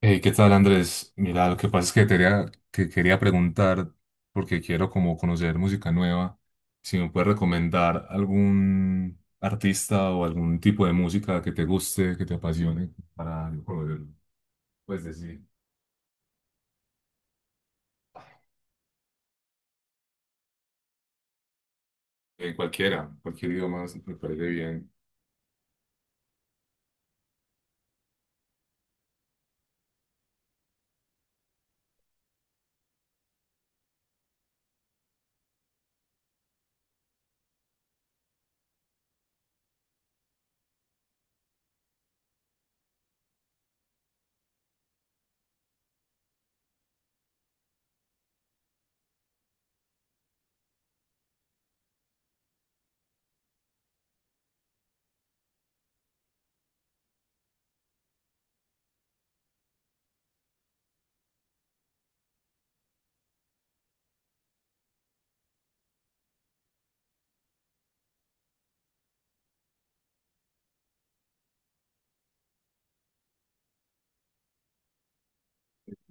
Hey, ¿qué tal, Andrés? Mira, lo que pasa es que, quería preguntar, porque quiero como conocer música nueva, si me puedes recomendar algún artista o algún tipo de música que te guste, que te apasione, para yo conocerlo. Pues decir, cualquiera, cualquier idioma me parece bien.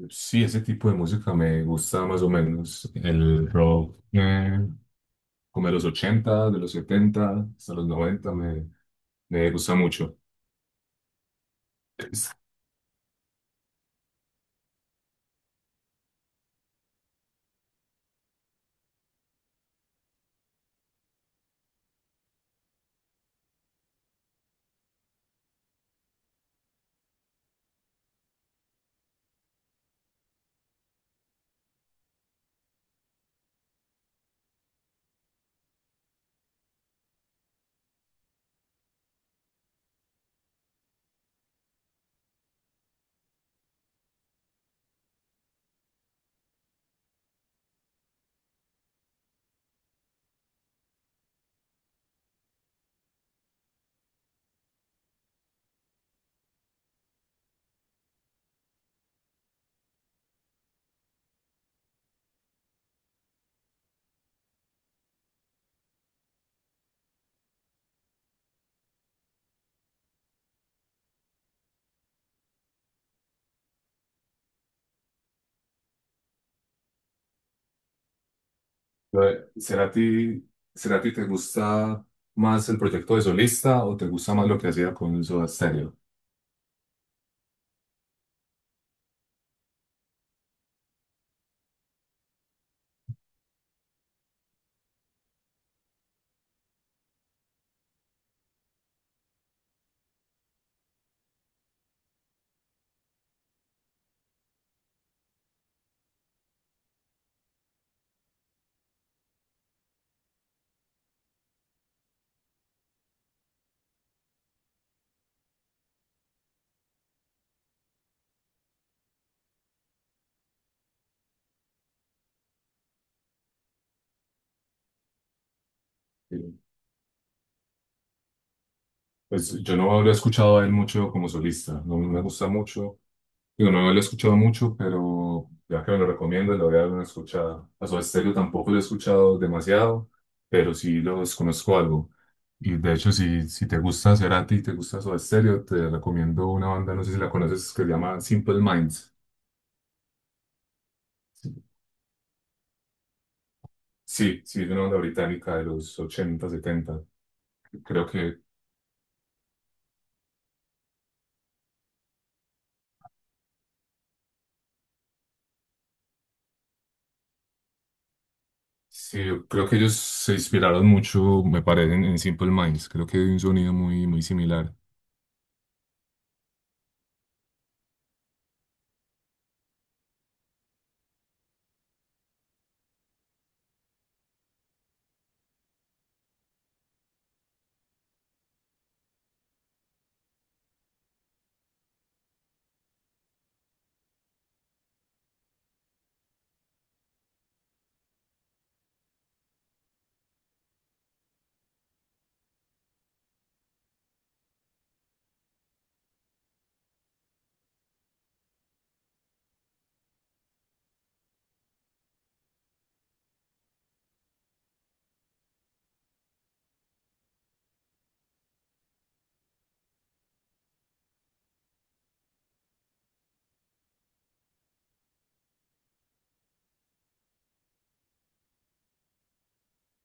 Sí, ese tipo de música me gusta más o menos. El rock, como de los 80, de los 70, hasta los 90 me gusta mucho. Cerati, ¿te gusta más el proyecto de solista o te gusta más lo que hacía con Soda Stereo? Eh, Pues yo no lo he escuchado a él mucho como solista, no me gusta mucho. Digo, no lo he escuchado mucho, pero ya que me lo recomiendo, le voy a dar una escuchada. A Soda Stereo tampoco lo he escuchado demasiado, pero sí los conozco algo. Y de hecho, si te gusta Cerati y te gusta Soda Stereo, te recomiendo una banda, no sé si la conoces, que se llama Simple Minds. Sí, sí, es una banda británica de los 80 70. Creo que, sí, yo creo que ellos se inspiraron mucho, me parece, en Simple Minds. Creo que hay un sonido muy similar.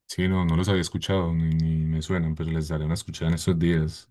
Sí, no, no los había escuchado, ni me suenan, pero les daré una escuchada en estos días.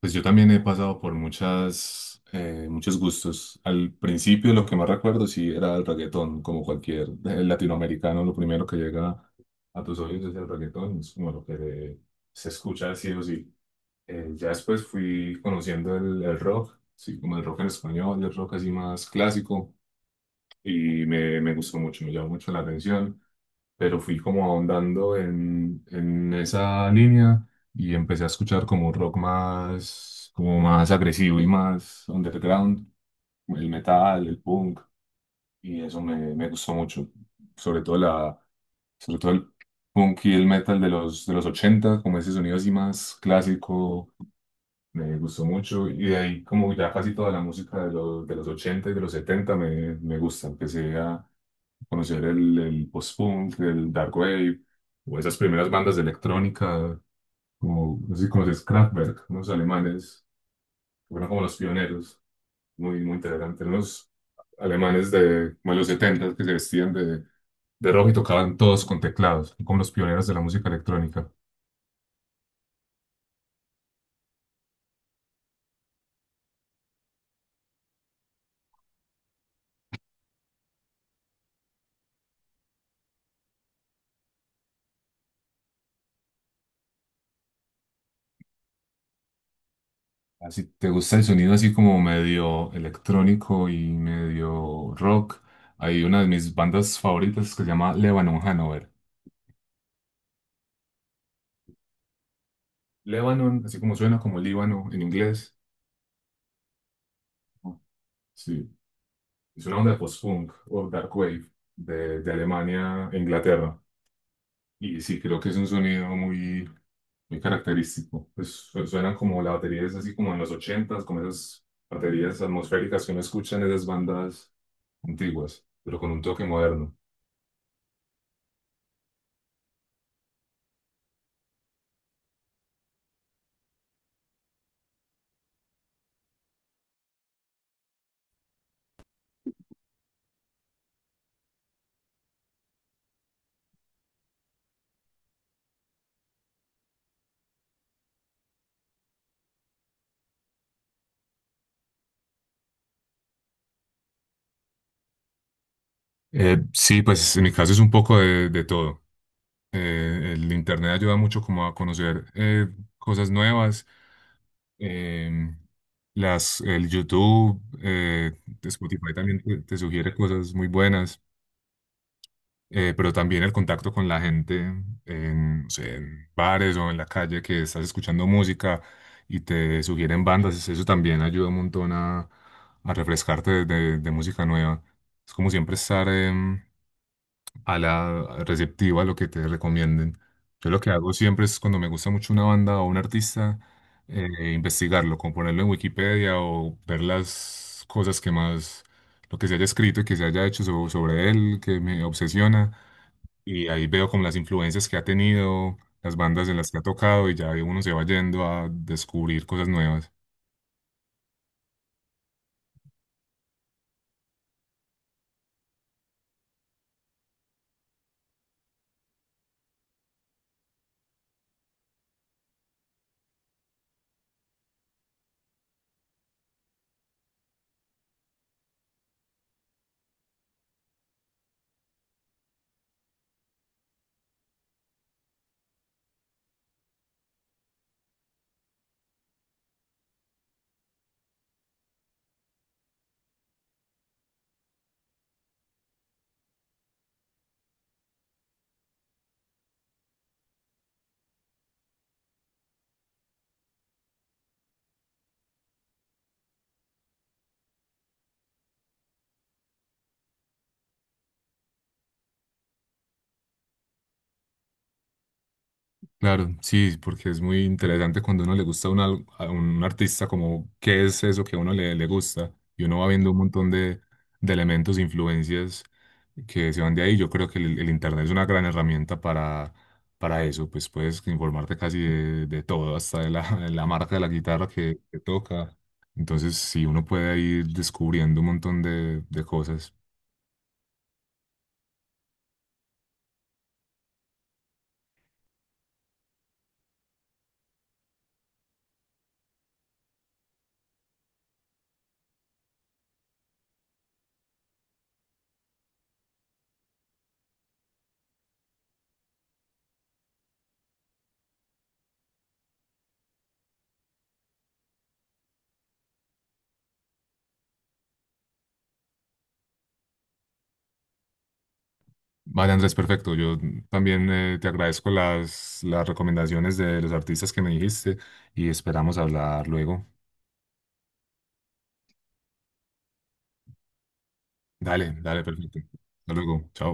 Pues yo también he pasado por muchas, muchos gustos. Al principio lo que más recuerdo sí era el reggaetón, como cualquier latinoamericano, lo primero que llega a tus oídos es el reggaetón, es como lo que se escucha sí o sí. Ya después fui conociendo el rock, sí, como el rock en español, el rock así más clásico, y me gustó mucho, me llamó mucho la atención, pero fui como ahondando en esa línea y empecé a escuchar como un rock más, como más agresivo y más underground, el metal, el punk, y eso me gustó mucho, sobre todo el punk y el metal de los 80 como ese sonido así más clásico me gustó mucho y de ahí como ya casi toda la música de los 80 y de los 70 me gusta. Empecé a conocer el post-punk, el dark wave o esas primeras bandas de electrónica, como no sé si conoces Kraftwerk, unos alemanes, que fueron como los pioneros, muy interesantes, unos alemanes como de los 70 que se vestían de, rojo y tocaban todos con teclados, como los pioneros de la música electrónica. Si te gusta el sonido así como medio electrónico y medio rock, hay una de mis bandas favoritas que se llama Lebanon Hanover. Lebanon, así como suena como Líbano en inglés. Sí, es una onda de post-punk o dark wave de, Alemania e Inglaterra. Y sí, creo que es un sonido muy característico. Pues suenan como la batería es así como en los ochentas, como esas baterías atmosféricas que uno escucha en esas bandas antiguas, pero con un toque moderno. Sí, pues en mi caso es un poco de, todo. El internet ayuda mucho como a conocer cosas nuevas. em, el YouTube, Spotify también te sugiere cosas muy buenas, pero también el contacto con la gente en, no sé, en bares o en la calle que estás escuchando música y te sugieren bandas, eso también ayuda un montón a refrescarte de música nueva. Es como siempre estar a la receptiva, a lo que te recomienden. Yo lo que hago siempre es cuando me gusta mucho una banda o un artista, investigarlo, como ponerlo en Wikipedia o ver las cosas que más, lo que se haya escrito y que se haya hecho sobre él, que me obsesiona. Y ahí veo como las influencias que ha tenido, las bandas en las que ha tocado y ya uno se va yendo a descubrir cosas nuevas. Claro, sí, porque es muy interesante cuando a uno le gusta a un artista, como qué es eso que a uno le gusta, y uno va viendo un montón de, elementos, influencias que se van de ahí. Yo creo que el Internet es una gran herramienta para, eso, pues puedes informarte casi de, todo, hasta de la marca de la guitarra que, toca. Entonces, sí, uno puede ir descubriendo un montón de, cosas. Vale, Andrés, perfecto. Yo también te agradezco las recomendaciones de los artistas que me dijiste y esperamos hablar luego. Dale, dale, perfecto. Hasta luego. Chao.